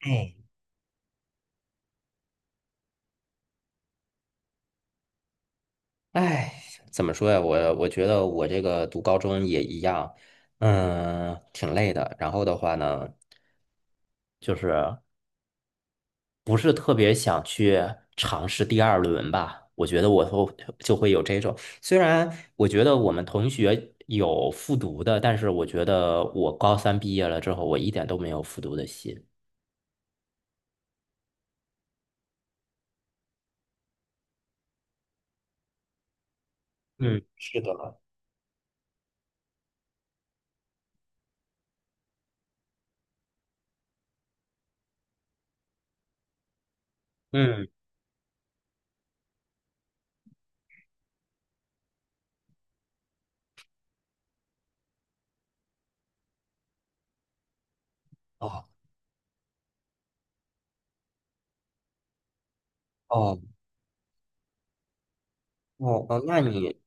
哎，哎，怎么说呀？我觉得我这个读高中也一样，挺累的。然后的话呢，就是不是特别想去尝试第二轮吧？我觉得就会有这种。虽然我觉得我们同学有复读的，但是我觉得我高三毕业了之后，我一点都没有复读的心。嗯，是的，嗯。哦哦哦哦，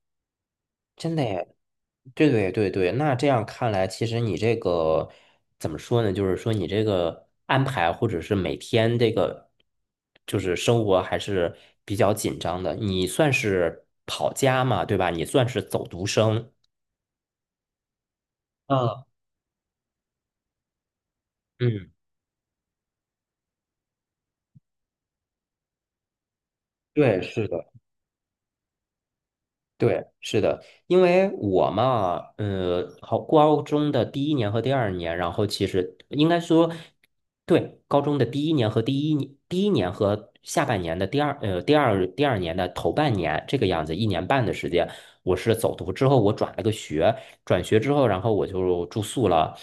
真的耶，对对对对，那这样看来，其实你这个怎么说呢？就是说你这个安排，或者是每天这个就是生活还是比较紧张的。你算是跑家嘛，对吧？你算是走读生。嗯，嗯，对，是的。对，是的，因为我嘛，好，高中的第一年和第二年，然后其实应该说，对，高中的第一年和下半年的第二年的头半年这个样子，一年半的时间，我是走读之后，我转了个学，转学之后，然后我就住宿了。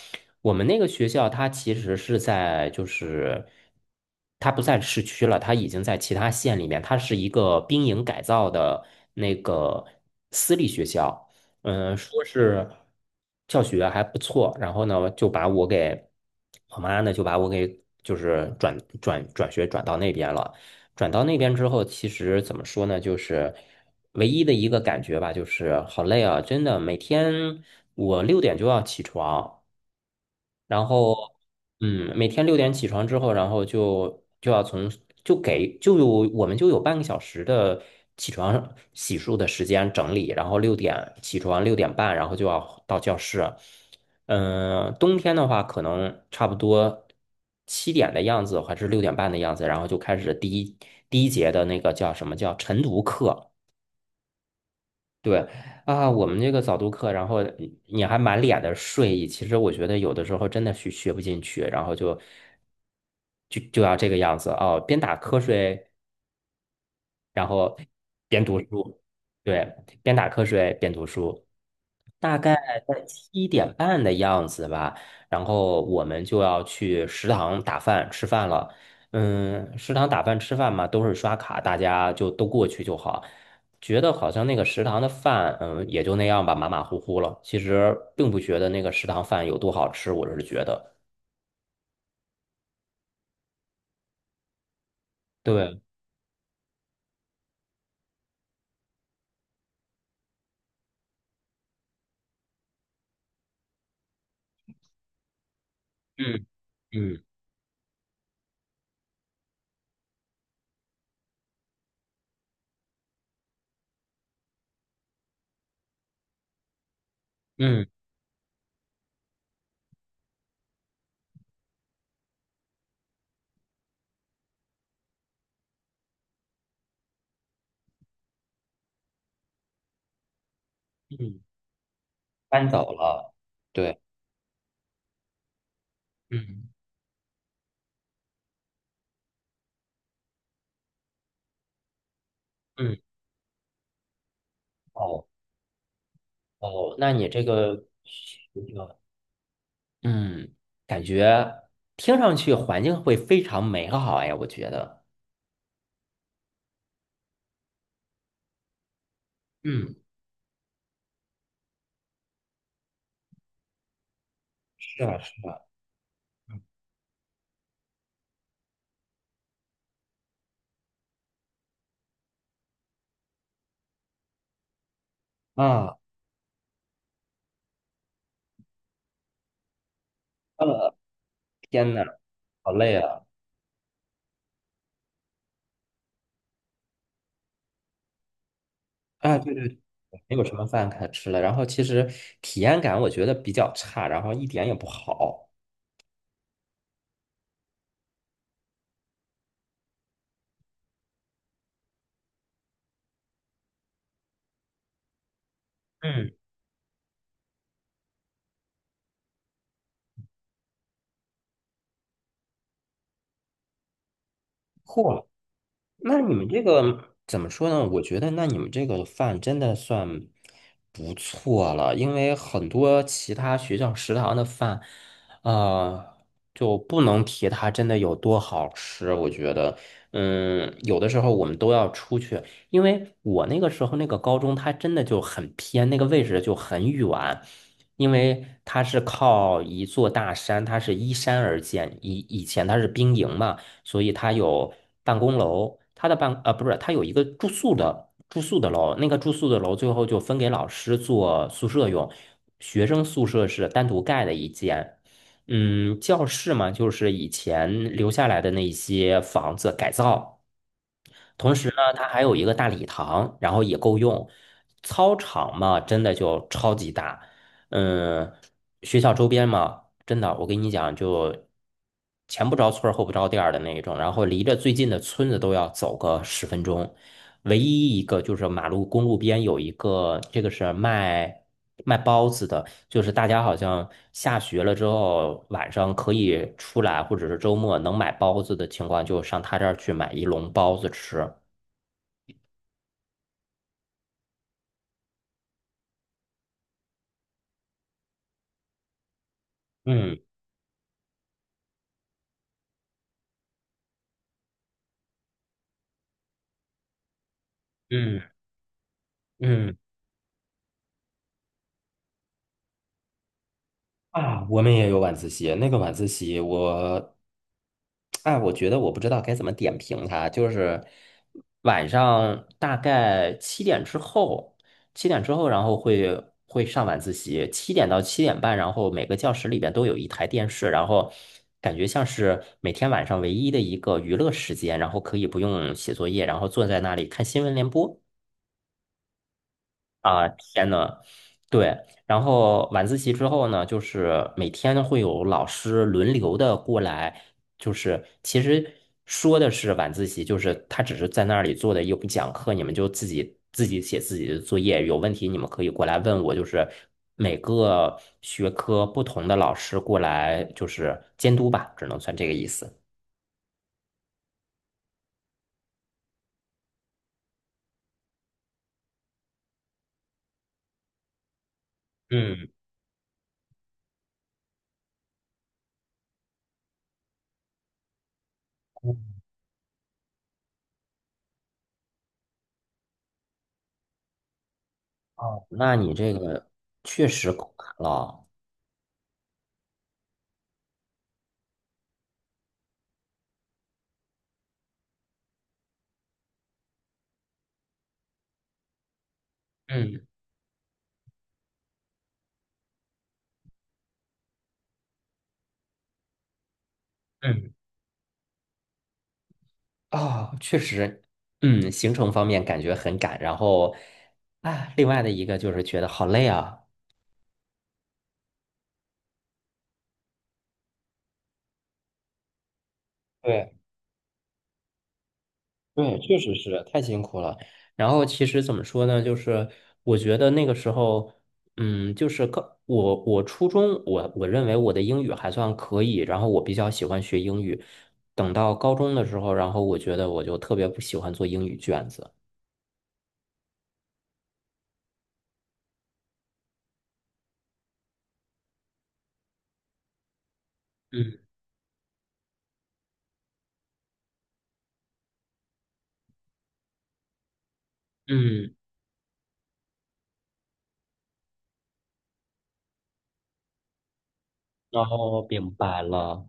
我们那个学校它其实就是它不在市区了，它已经在其他县里面，它是一个兵营改造的那个私立学校。说是教学还不错，然后呢就把我给我妈呢就把我给就是转学转到那边了。转到那边之后，其实怎么说呢，就是唯一的一个感觉吧，就是好累啊，真的，每天我六点就要起床。然后，每天六点起床之后，然后就就要从就给就有我们就有半个小时的起床洗漱的时间整理，然后六点起床，六点半，然后就要到教室。冬天的话，可能差不多七点的样子，还是六点半的样子，然后就开始第一节的那个叫什么叫晨读课。对啊，我们这个早读课，然后你还满脸的睡意，其实我觉得有的时候真的学不进去，然后就要这个样子哦，边打瞌睡，然后边读书，对，边打瞌睡边读书。大概在七点半的样子吧，然后我们就要去食堂打饭吃饭了。嗯，食堂打饭吃饭嘛，都是刷卡，大家就都过去就好。觉得好像那个食堂的饭，也就那样吧，马马虎虎了。其实并不觉得那个食堂饭有多好吃，我是觉得，对，嗯嗯嗯嗯，搬走了，对，嗯嗯，哦哦，那你这个。嗯，感觉听上去环境会非常美好哎，我觉得。嗯，是啊，是啊，啊，呃，天呐，好累啊！啊，对对对，没有什么饭可吃了。然后其实体验感我觉得比较差，然后一点也不好。嗯，嚯，那你们这个怎么说呢？我觉得，那你们这个饭真的算不错了，因为很多其他学校食堂的饭，呃，就不能提它真的有多好吃。我觉得，有的时候我们都要出去，因为我那个时候那个高中，它真的就很偏，那个位置就很远，因为它是靠一座大山，它是依山而建，以前它是兵营嘛。所以它有办公楼，它的不是，它有一个住宿的楼，那个住宿的楼最后就分给老师做宿舍用，学生宿舍是单独盖的一间。教室嘛，就是以前留下来的那些房子改造。同时呢，它还有一个大礼堂，然后也够用。操场嘛，真的就超级大。嗯，学校周边嘛，真的，我跟你讲，就前不着村儿后不着店儿的那一种，然后离着最近的村子都要走个10分钟。唯一一个就是马路公路边有一个，这个是卖包子的。就是大家好像下学了之后，晚上可以出来，或者是周末能买包子的情况，就上他这儿去买一笼包子吃。嗯嗯嗯啊，我们也有晚自习。那个晚自习我，哎，我觉得我不知道该怎么点评它。就是晚上大概七点之后，七点之后，然后会上晚自习，七点到七点半，然后每个教室里边都有一台电视，然后感觉像是每天晚上唯一的一个娱乐时间，然后可以不用写作业，然后坐在那里看新闻联播。啊，天呐，对，然后晚自习之后呢，就是每天会有老师轮流的过来，就是其实说的是晚自习，就是他只是在那里做的又不讲课，你们就自己写自己的作业，有问题你们可以过来问我，就是每个学科不同的老师过来就是监督吧，只能算这个意思。嗯，哦，那你这个确实够难了。嗯嗯。哦，确实，行程方面感觉很赶，然后啊，另外的一个就是觉得好累啊。对对，确实是太辛苦了。然后其实怎么说呢，就是我觉得那个时候，就是我初中我认为我的英语还算可以，然后我比较喜欢学英语。等到高中的时候，然后我觉得我就特别不喜欢做英语卷子。嗯嗯，然后明白了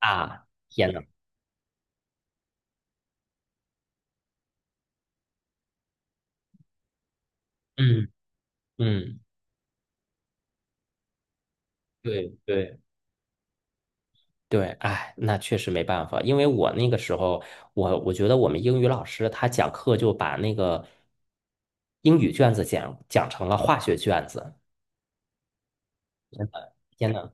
啊，天呐，嗯嗯。对对对，哎，那确实没办法，因为我那个时候，我觉得我们英语老师他讲课就把那个英语卷子讲成了化学卷子。天呐，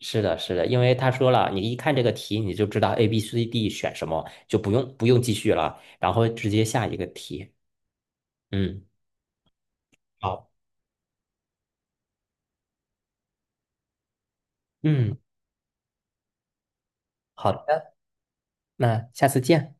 是的，是的，因为他说了，你一看这个题你就知道 A、B、C、D 选什么，就不用继续了，然后直接下一个题。嗯，好，嗯，好的，那下次见。